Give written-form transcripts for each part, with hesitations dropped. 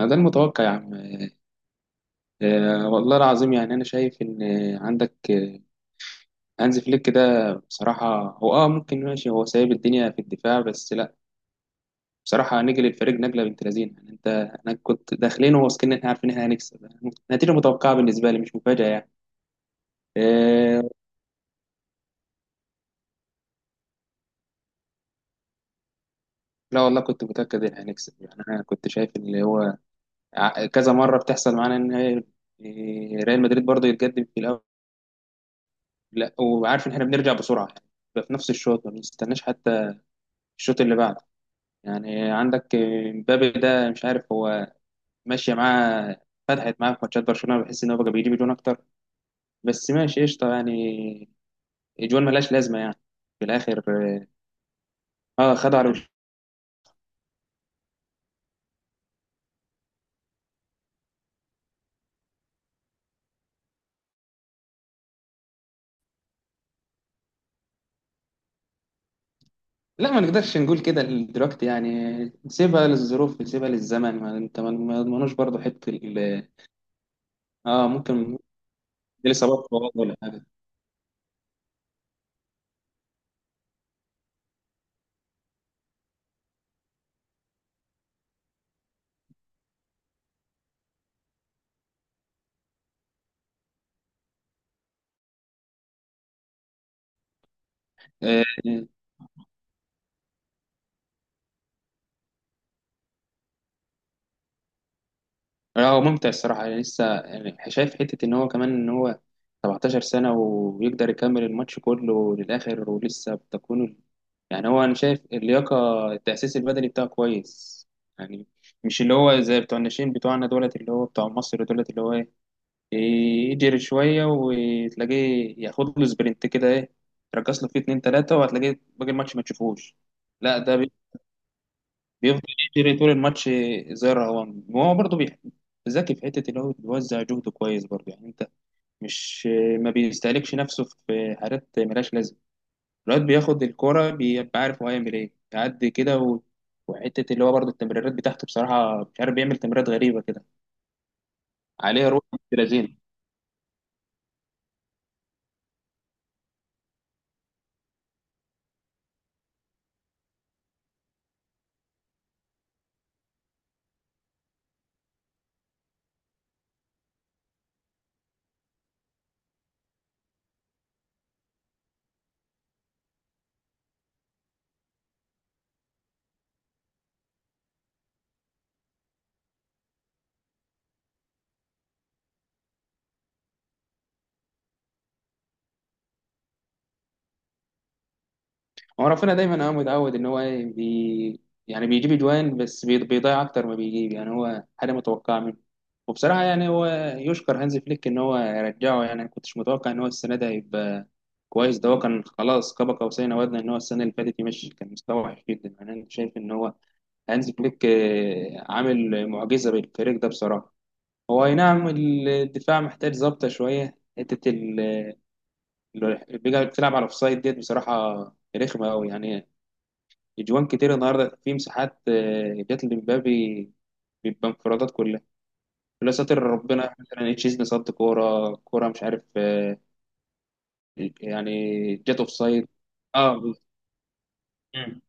أنا ده المتوقع يا عم. والله العظيم، يعني أنا شايف إن عندك هانز فليك ده. بصراحة هو ممكن ماشي، هو سايب الدنيا في الدفاع، بس لأ بصراحة نجل الفريق نجلة بنت لذينة يعني. أنت أنا كنت داخلين واثقين إن إحنا عارفين إن إحنا هنكسب. نتيجة متوقعة بالنسبة لي، مش مفاجأة يعني. آه. لا والله كنت متأكد إن هنكسب، يعني أنا كنت شايف اللي هو كذا مرة بتحصل معانا إن هي ريال مدريد برضه يتقدم في الأول. لأ وعارف إن إحنا بنرجع بسرعة يعني، بيبقى في نفس الشوط، ما بنستناش حتى الشوط اللي بعده. يعني عندك مبابي ده، مش عارف هو ماشية معاه، فتحت معاه في ماتشات برشلونة بحس إن هو بقى بيجيب جون أكتر، بس ماشي قشطة يعني. الجوان ملهاش لازمة يعني في الآخر. اه خدوا على لا، ما نقدرش نقول كده دلوقتي يعني. سيبها للظروف، سيبها للزمن، ما انت ما يضمنوش برضه حته اه ممكن. الاصابات برضه ولا حاجه. آه، لا هو ممتع الصراحة، يعني لسه، يعني شايف حتة إن هو كمان إن هو 17 سنة ويقدر يكمل الماتش كله للآخر ولسه بتكون يعني. هو أنا شايف اللياقة التأسيس البدني بتاعه كويس يعني. مش اللي هو زي بتوع الناشئين بتوعنا دولت، اللي هو بتوع مصر دولت، اللي هو إيه، يجري شوية وتلاقيه ياخد له سبرنت كده، إيه تركز له فيه اتنين تلاتة وهتلاقيه باقي الماتش ما تشوفوش. لا ده بيفضل يجري طول الماتش زي الرهوان، وهو برضه ذكي في حته اللي هو بيوزع جهده كويس برضه يعني. انت مش، ما بيستهلكش نفسه في حاجات ملهاش لازمه. الواد بياخد الكوره بيبقى عارف هو هيعمل ايه، يعدي كده و... وحته اللي هو برضه التمريرات بتاعته بصراحه، مش عارف بيعمل تمريرات غريبه كده. عليه روح بنت لذينه. هو رافينيا دايما هو متعود ان هو ايه يعني بيجيب اجوان، بس بيضيع اكتر ما بيجيب يعني، هو حاجه متوقعه منه. وبصراحه يعني هو يشكر هانز فليك ان هو رجعه، يعني انا كنتش متوقع ان هو السنه ده هيبقى كويس. ده هو كان خلاص كبك قوسين او ادنى، ان هو السنه اللي فاتت يمشي، كان مستوى وحش جدا. يعني انا شايف ان هو هانز فليك عامل معجزه بالفريق ده بصراحه. هو اي نعم الدفاع محتاج ظبطه شويه، حته اللي بيلعب على الاوفسايد ديت بصراحه رخمه قوي يعني. اجوان كتير النهارده في مساحات، جات لمبابي، بيبقى انفرادات كلها. لا ساتر ربنا، مثلا تشيزني صد كوره كوره، مش عارف. يعني جت اوف سايد. اه بز- مم.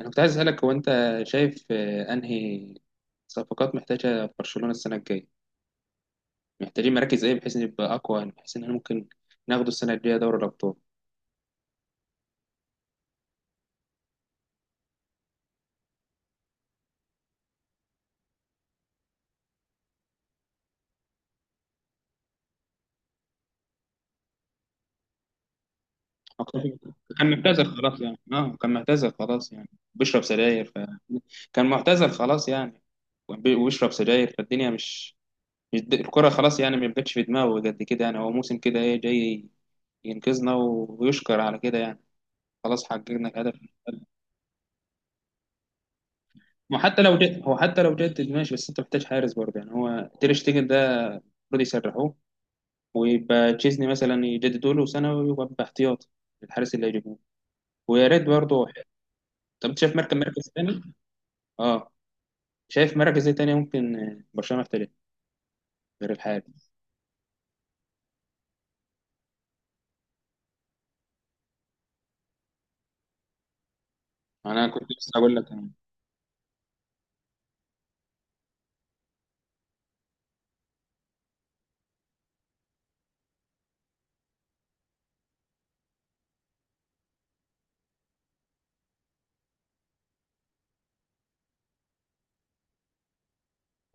انا كنت عايز اسالك، هو انت شايف انهي صفقات محتاجه برشلونه السنه الجايه؟ محتاجين مراكز ايه بحيث نبقى اقوى، يعني بحيث ان احنا ممكن ناخده السنه الجايه دوري الابطال. أعتقد كان معتزل خلاص يعني، اه كان معتزل خلاص يعني، بيشرب سجاير ف... كان معتزل خلاص يعني، وبيشرب سجاير، فالدنيا مش، الكرة خلاص يعني، ما بقتش في دماغه قد كده. يعني هو موسم كده ايه، جاي ينقذنا ويشكر على كده يعني. خلاص حققنا هدف. وحتى لو جد هو، حتى لو جدد ماشي، بس انت محتاج حارس برضه. يعني هو تير شتيجن ده المفروض يسرحوه، ويبقى تشيزني مثلا يجددوا له سنة ويبقى باحتياط الحارس اللي هيجيبوه. ويا ريت برضه. طب انت شايف مركز تاني؟ اه شايف مراكز ايه تانية ممكن برشلونة يحتاجها غير الحالي؟ انا كنت لسه هقول لك أنا.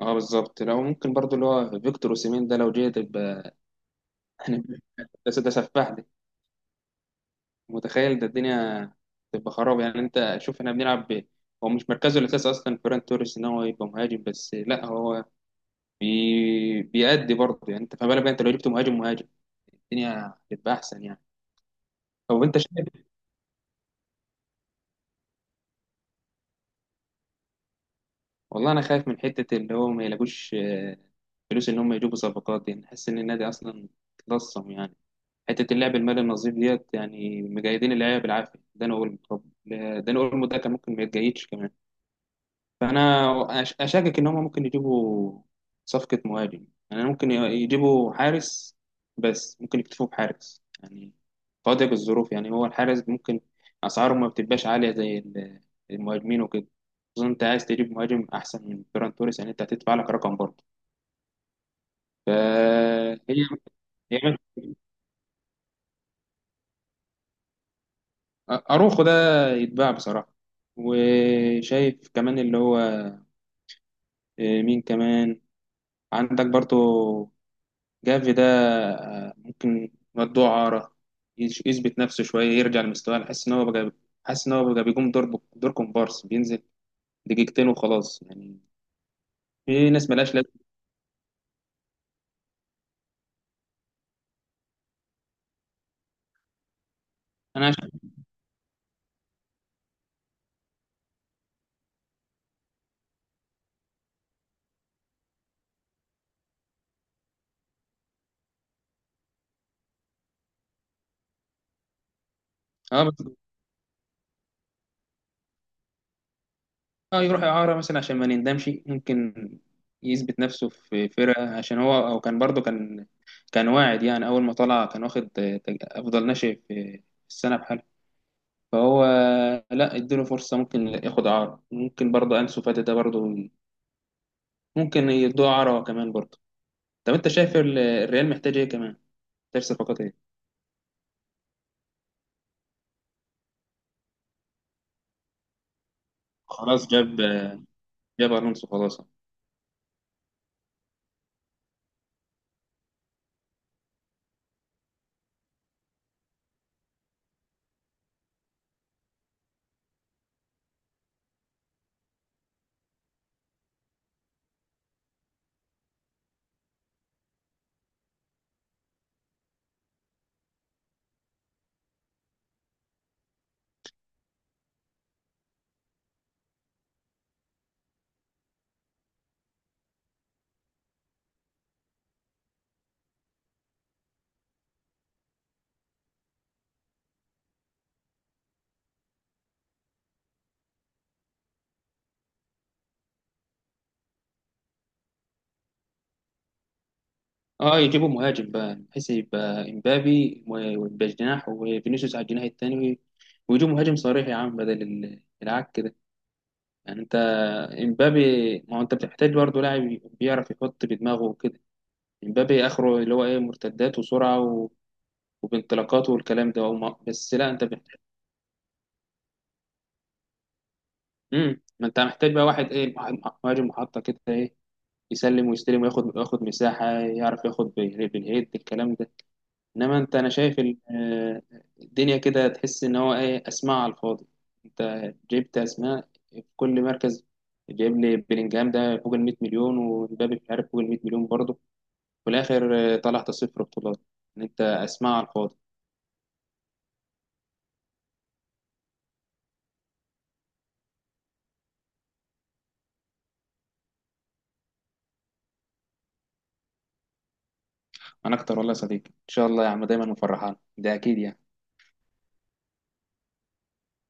اه بالظبط، لو ممكن برضو اللي هو فيكتور اوسيمين ده لو جه تبقى يعني. بس ده سفاح ده، متخيل ده الدنيا تبقى خراب يعني. انت شوف احنا بنلعب ب... هو مش مركزه الاساسي اصلا فيران توريس ان هو يبقى مهاجم، بس لا هو بيأدي برضه يعني. انت فما بالك بقى انت لو جبت مهاجم مهاجم، الدنيا هتبقى احسن يعني. طب انت شايف؟ والله انا خايف من حته اللي هو ما يلاقوش فلوس ان هم يجيبوا صفقات دي، نحس ان النادي اصلا اتلصم يعني. حته اللعب المالي النظيف ديت يعني مجيدين اللعيبه بالعافيه، ده انا اقول طب ده انا اقول ده كان ممكن ما يتجيدش كمان. فانا اشكك ان هم ممكن يجيبوا صفقه مهاجم، يعني ممكن يجيبوا حارس، بس ممكن يكتفوا بحارس يعني فاضية الظروف. يعني هو الحارس ممكن اسعاره ما بتبقاش عاليه زي المهاجمين وكده. خصوصا انت عايز تجيب مهاجم احسن من فيران توريس، يعني انت هتدفع لك رقم برضه فهي. هي اروخو ده يتباع بصراحه. وشايف كمان اللي هو مين كمان، عندك برضه جافي ده، ممكن مدوه عارة يثبت نفسه شوية، يرجع لمستواه. أنا حاسس إن هو بقى، حاسس إن هو بقى بيقوم دور كومبارس، بينزل دقيقتين وخلاص يعني. في ناس ملهاش لازمة. أنا عشان أه، بس أه يروح إعارة مثلا عشان ما نندمش، ممكن يثبت نفسه في فرقة، عشان هو أو كان برضه، كان كان واعد يعني. أول ما طلع كان واخد أفضل ناشئ في السنة بحاله. فهو لا اديله فرصة، ممكن ياخد إعارة. ممكن برضه أنسو فاتي ده برضه ممكن يدوها عرا كمان برضه. طب انت شايف الريال محتاج ايه كمان؟ محتاج صفقات ايه؟ خلاص جاب، جاب الونسو خلاص. اه يجيبوا مهاجم بقى، بحيث يبقى امبابي ويبقى جناح، وفينيسيوس على الجناح التاني، ويجيبوا مهاجم صريح يا عم، بدل العك ده. يعني انت امبابي، ما هو انت بتحتاج برضه لاعب بيعرف يحط بدماغه وكده. امبابي اخره اللي هو ايه، مرتدات وسرعه و... وبانطلاقات والكلام ده وما... بس لا انت بتحتاج. مم. ما انت محتاج بقى واحد ايه، مهاجم محطه كده، إيه، يسلم ويستلم، وياخد وياخد مساحة، يعرف ياخد بالهيد، الكلام ده. انما انت انا شايف الدنيا كده تحس ان هو ايه، اسماء على الفاضي. انت جبت اسماء في كل مركز، جايب لي بلينجهام ده فوق ال 100 مليون، ومبابي مش عارف فوق ال 100 مليون برضه، في الاخر طلعت صفر بطولات، ان انت اسماء على الفاضي. انا اكتر والله يا صديقي، ان شاء الله يا عم دايما مفرحان ده اكيد يعني.